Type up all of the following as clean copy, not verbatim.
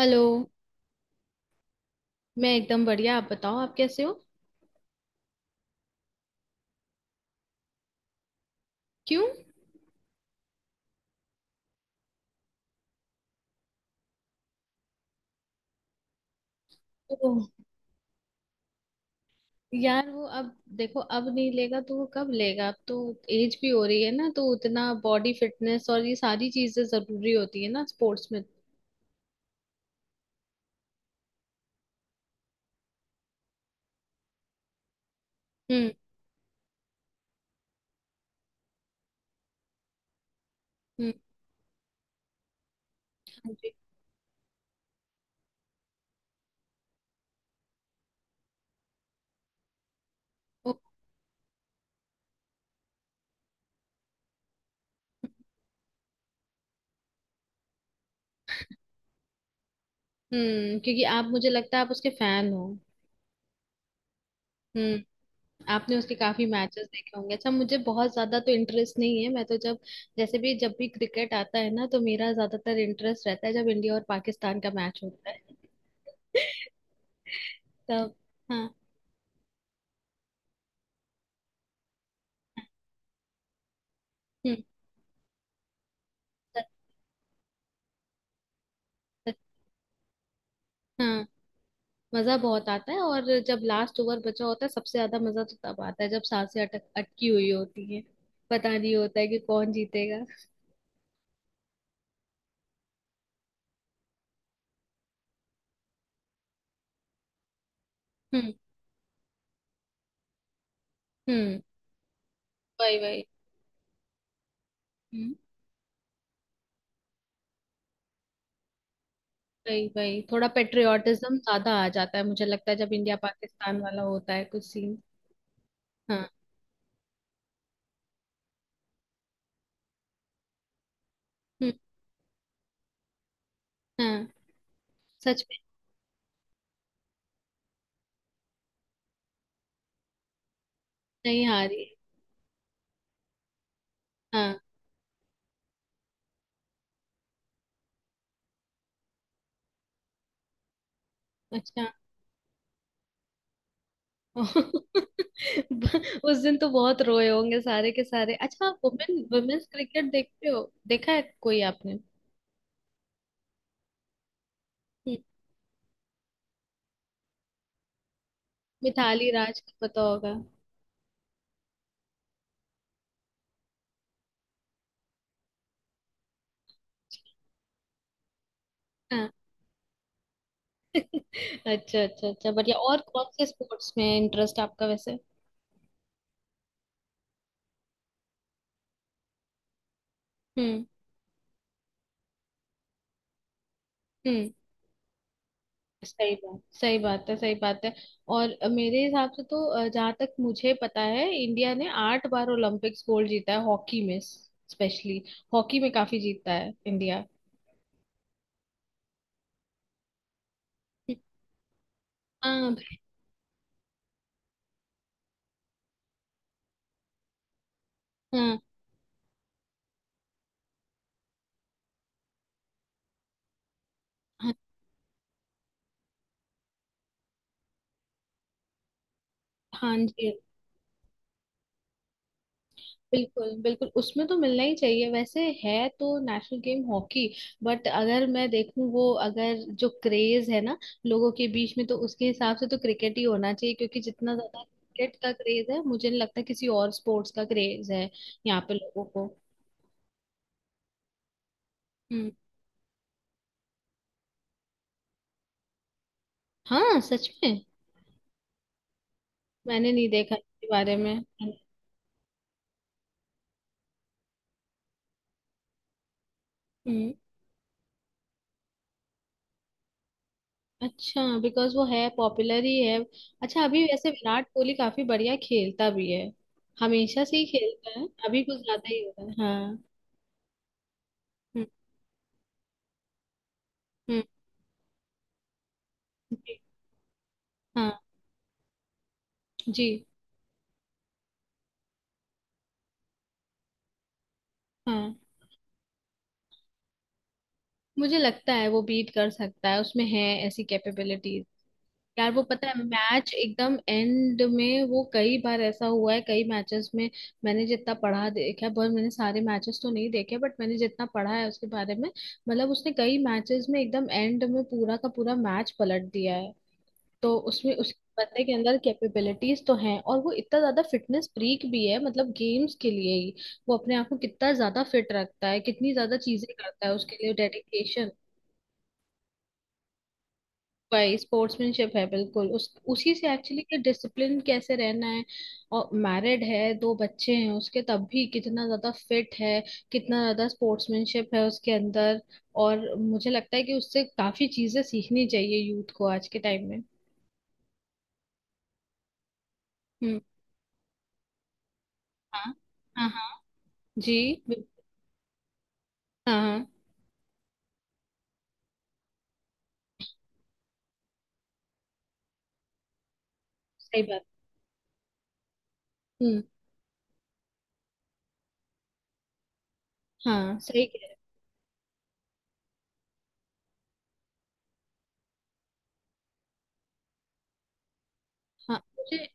Hello. मैं एकदम बढ़िया, आप बताओ, आप कैसे हो? क्यों? ओह, यार वो अब देखो, अब नहीं लेगा तो वो कब लेगा? अब तो एज भी हो रही है ना, तो उतना बॉडी फिटनेस और ये सारी चीजें जरूरी होती है ना स्पोर्ट्स में। हम्म। हम्म। हाँ जी। ओ, हम्म, क्योंकि आप, मुझे लगता है आप उसके फैन हो। हम्म। आपने उसके काफी मैचेस देखे होंगे, अच्छा मुझे बहुत ज्यादा तो इंटरेस्ट नहीं है, मैं तो जब, जैसे भी, जब भी क्रिकेट आता है ना तो मेरा ज्यादातर इंटरेस्ट रहता है जब इंडिया और पाकिस्तान का मैच होता है तब हाँ। हम्म। त- त- हाँ, मजा बहुत आता है, और जब लास्ट ओवर बचा होता है सबसे ज्यादा मजा तो तब आता है जब सांसें अटक अटकी हुई होती है, पता नहीं होता है कि कौन जीतेगा। हम्म। हम्म। वही वही। हम्म। वही वही, थोड़ा पेट्रियाटिज्म ज्यादा आ जाता है मुझे लगता है जब इंडिया पाकिस्तान वाला होता है कुछ सीन। हाँ। हम्म। हाँ, सच में। नहीं हारी। हाँ। अच्छा उस दिन तो बहुत रोए होंगे सारे के सारे। अच्छा, वुमेन्स क्रिकेट देखते हो? देखा है कोई आपने? हम्म, मिताली राज को पता होगा। हाँ। अच्छा अच्छा अच्छा, बढ़िया। और कौन से स्पोर्ट्स में इंटरेस्ट आपका वैसे? हम्म। हम्म। सही बात, सही बात है, सही बात है। और मेरे हिसाब से तो, जहाँ तक मुझे पता है, इंडिया ने आठ बार ओलंपिक्स गोल्ड जीता है हॉकी में। स्पेशली हॉकी में काफी जीतता है इंडिया। हाँ। हाँ। हाँ। हाँ जी। बिल्कुल बिल्कुल, उसमें तो मिलना ही चाहिए, वैसे है तो नेशनल गेम हॉकी। बट अगर मैं देखूं, वो अगर जो क्रेज है ना लोगों के बीच में, तो उसके हिसाब से तो क्रिकेट ही होना चाहिए, क्योंकि जितना ज्यादा क्रिकेट का क्रेज है, मुझे नहीं लगता किसी और स्पोर्ट्स का क्रेज है यहाँ पे लोगों को। हम्म। हाँ, सच में, मैंने नहीं देखा इसके बारे में। हम्म। अच्छा, बिकॉज वो है, पॉपुलर ही है। अच्छा, अभी वैसे विराट कोहली काफी बढ़िया खेलता भी है, हमेशा से ही खेलता है, अभी कुछ ज्यादा ही होता है। हाँ। हम्म। हम्म। जी। हाँ। जी। हाँ, मुझे लगता है वो बीट कर सकता है, उसमें है ऐसी कैपेबिलिटीज। यार वो पता है मैच एकदम एंड में वो कई बार ऐसा हुआ है कई मैचेस में, मैंने जितना पढ़ा देखा है, पर मैंने सारे मैचेस तो नहीं देखे बट मैंने जितना पढ़ा है उसके बारे में, मतलब उसने कई मैचेस में एकदम एंड में पूरा का पूरा मैच पलट दिया है, तो उसमें उस बंदे के अंदर कैपेबिलिटीज तो हैं, और वो इतना ज्यादा फिटनेस फ्रीक भी है, मतलब गेम्स के लिए ही वो अपने आप को कितना ज्यादा फिट रखता है, कितनी ज्यादा चीजें करता है उसके लिए, डेडिकेशन। भाई स्पोर्ट्समैनशिप है बिल्कुल, उस उसी से एक्चुअली, कि डिसिप्लिन कैसे रहना है। और मैरिड है, दो बच्चे हैं उसके, तब भी कितना ज्यादा फिट है, कितना ज्यादा स्पोर्ट्समैनशिप है उसके अंदर। और मुझे लगता है कि उससे काफी चीजें सीखनी चाहिए यूथ को आज के टाइम में। हम्म। हाँ। हाँ हाँ, जी। हाँ हाँ, सही बात। हम्म। हाँ सही कह रहे हो। हाँ मुझे,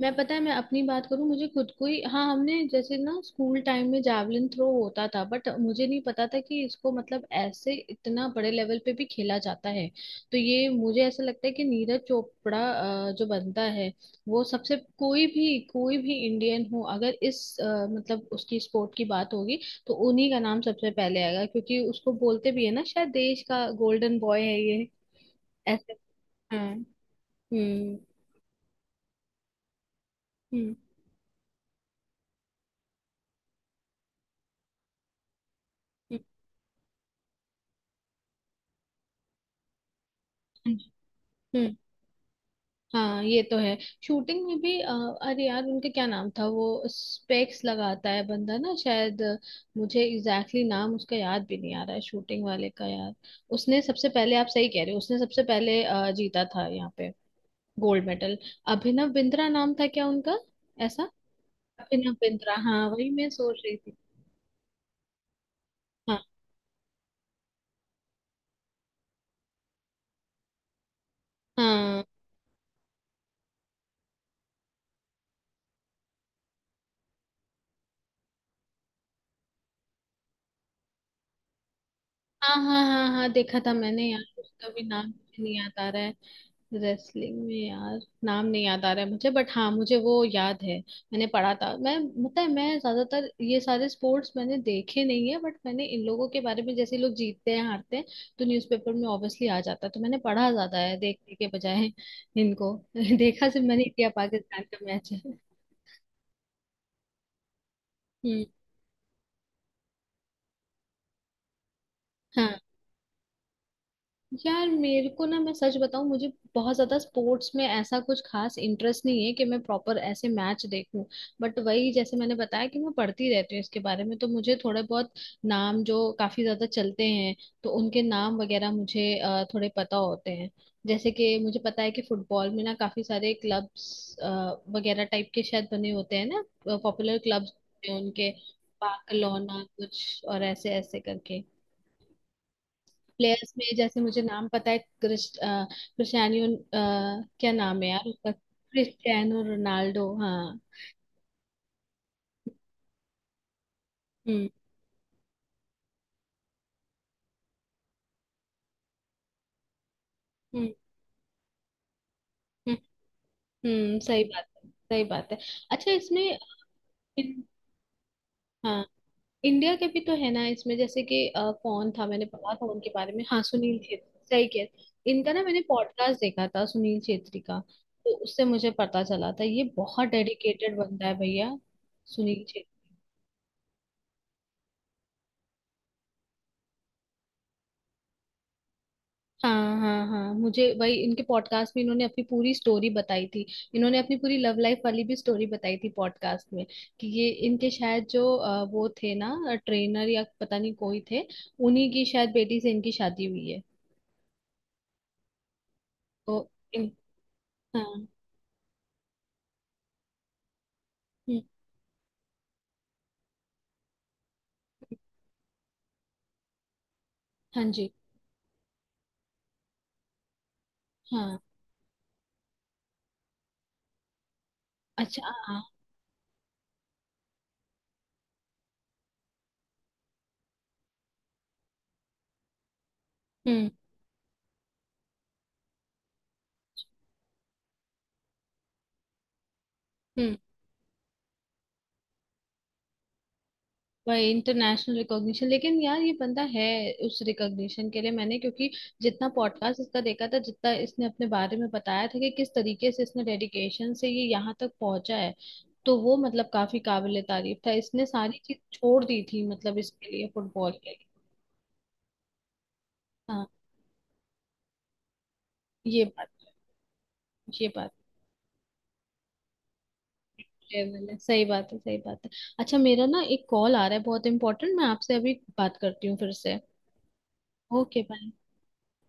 मैं पता है, मैं अपनी बात करूँ, मुझे खुद को ही, हाँ, हमने जैसे ना स्कूल टाइम में जावलिन थ्रो होता था, बट मुझे नहीं पता था कि इसको मतलब ऐसे इतना बड़े लेवल पे भी खेला जाता है। तो ये मुझे ऐसा लगता है कि नीरज चोपड़ा जो बनता है, वो सबसे, कोई भी इंडियन हो, अगर इस मतलब उसकी स्पोर्ट की बात होगी, तो उन्हीं का नाम सबसे पहले आएगा क्योंकि उसको बोलते भी है ना, शायद देश का गोल्डन बॉय है ये, ऐसे। हाँ। हम्म। हम्म। हम्म। हम्म। हाँ, ये तो है। शूटिंग में भी अरे यार, उनका क्या नाम था वो, स्पेक्स लगाता है बंदा ना शायद, मुझे एग्जैक्टली exactly नाम उसका याद भी नहीं आ रहा है, शूटिंग वाले का यार। उसने सबसे पहले, आप सही कह रहे हो, उसने सबसे पहले जीता था यहाँ पे गोल्ड मेडल। अभिनव बिंद्रा नाम था क्या उनका? ऐसा, अभिनव बिंद्रा, हाँ वही मैं सोच रही थी। हाँ हाँ हाँ हाँ, हाँ हाँ देखा था मैंने, यार उसका भी नाम मुझे नहीं याद आ रहा है, रेसलिंग में यार, नाम नहीं याद आ रहा है मुझे, बट हाँ मुझे वो याद है, मैंने पढ़ा था, मैं मतलब मैं ज्यादातर ये सारे स्पोर्ट्स मैंने देखे नहीं है, बट मैंने इन लोगों के बारे में जैसे लोग जीतते हैं हारते हैं, तो न्यूज़पेपर में ऑब्वियसली आ जाता है, तो मैंने पढ़ा ज्यादा है देखने के बजाय इनको देखा सिर्फ मैंने इंडिया पाकिस्तान का मैच है। हम्म। हाँ। यार मेरे को ना, मैं सच बताऊं, मुझे बहुत ज्यादा स्पोर्ट्स में ऐसा कुछ खास इंटरेस्ट नहीं है कि मैं प्रॉपर ऐसे मैच देखूं, बट वही जैसे मैंने बताया कि मैं पढ़ती रहती हूँ इसके बारे में, तो मुझे थोड़े बहुत नाम जो काफी ज्यादा चलते हैं, तो उनके नाम वगैरह मुझे थोड़े पता होते हैं, जैसे कि मुझे पता है कि फुटबॉल में ना काफी सारे क्लब्स वगैरह टाइप के शायद बने होते हैं ना, पॉपुलर क्लब्स उनके, बार्सिलोना कुछ और ऐसे ऐसे करके, प्लेयर्स में जैसे मुझे नाम पता है, क्रिस्टियानो क्या नाम है यार उसका, क्रिस्टियानो रोनाल्डो, हाँ। हम्म। हम्म। हम्म। सही बात है, सही बात है। अच्छा इसमें, इन, हाँ, इंडिया के भी तो है ना इसमें, जैसे कि कौन था, मैंने पढ़ा था उनके बारे में, हाँ सुनील छेत्री, सही कह, इनका ना मैंने पॉडकास्ट देखा था सुनील छेत्री का, तो उससे मुझे पता चला था ये बहुत डेडिकेटेड बंदा है भैया, सुनील। हाँ हाँ हाँ, मुझे वही, इनके पॉडकास्ट में इन्होंने अपनी पूरी स्टोरी बताई थी, इन्होंने अपनी पूरी लव लाइफ वाली भी स्टोरी बताई थी पॉडकास्ट में, कि ये इनके शायद जो वो थे ना, ट्रेनर या पता नहीं कोई थे, उन्हीं की शायद बेटी से इनकी शादी हुई है, तो हाँ। हम्म। हाँ जी। हाँ। अच्छा। हाँ हाँ। हम्म। हम्म। वही इंटरनेशनल रिकॉग्निशन, लेकिन यार ये बंदा है उस रिकॉग्निशन के लिए, मैंने क्योंकि जितना पॉडकास्ट इसका देखा था, जितना इसने अपने बारे में बताया था, कि किस तरीके से इसने डेडिकेशन से ये यहाँ तक पहुंचा है, तो वो मतलब काफी काबिले तारीफ था, इसने सारी चीज छोड़ दी थी मतलब इसके लिए, फुटबॉल के लिए। हाँ, ये बात। ये बात है, मैंने, सही बात है, सही बात है। अच्छा, मेरा ना एक कॉल आ रहा है बहुत इंपॉर्टेंट, मैं आपसे अभी बात करती हूँ फिर से। Okay bye.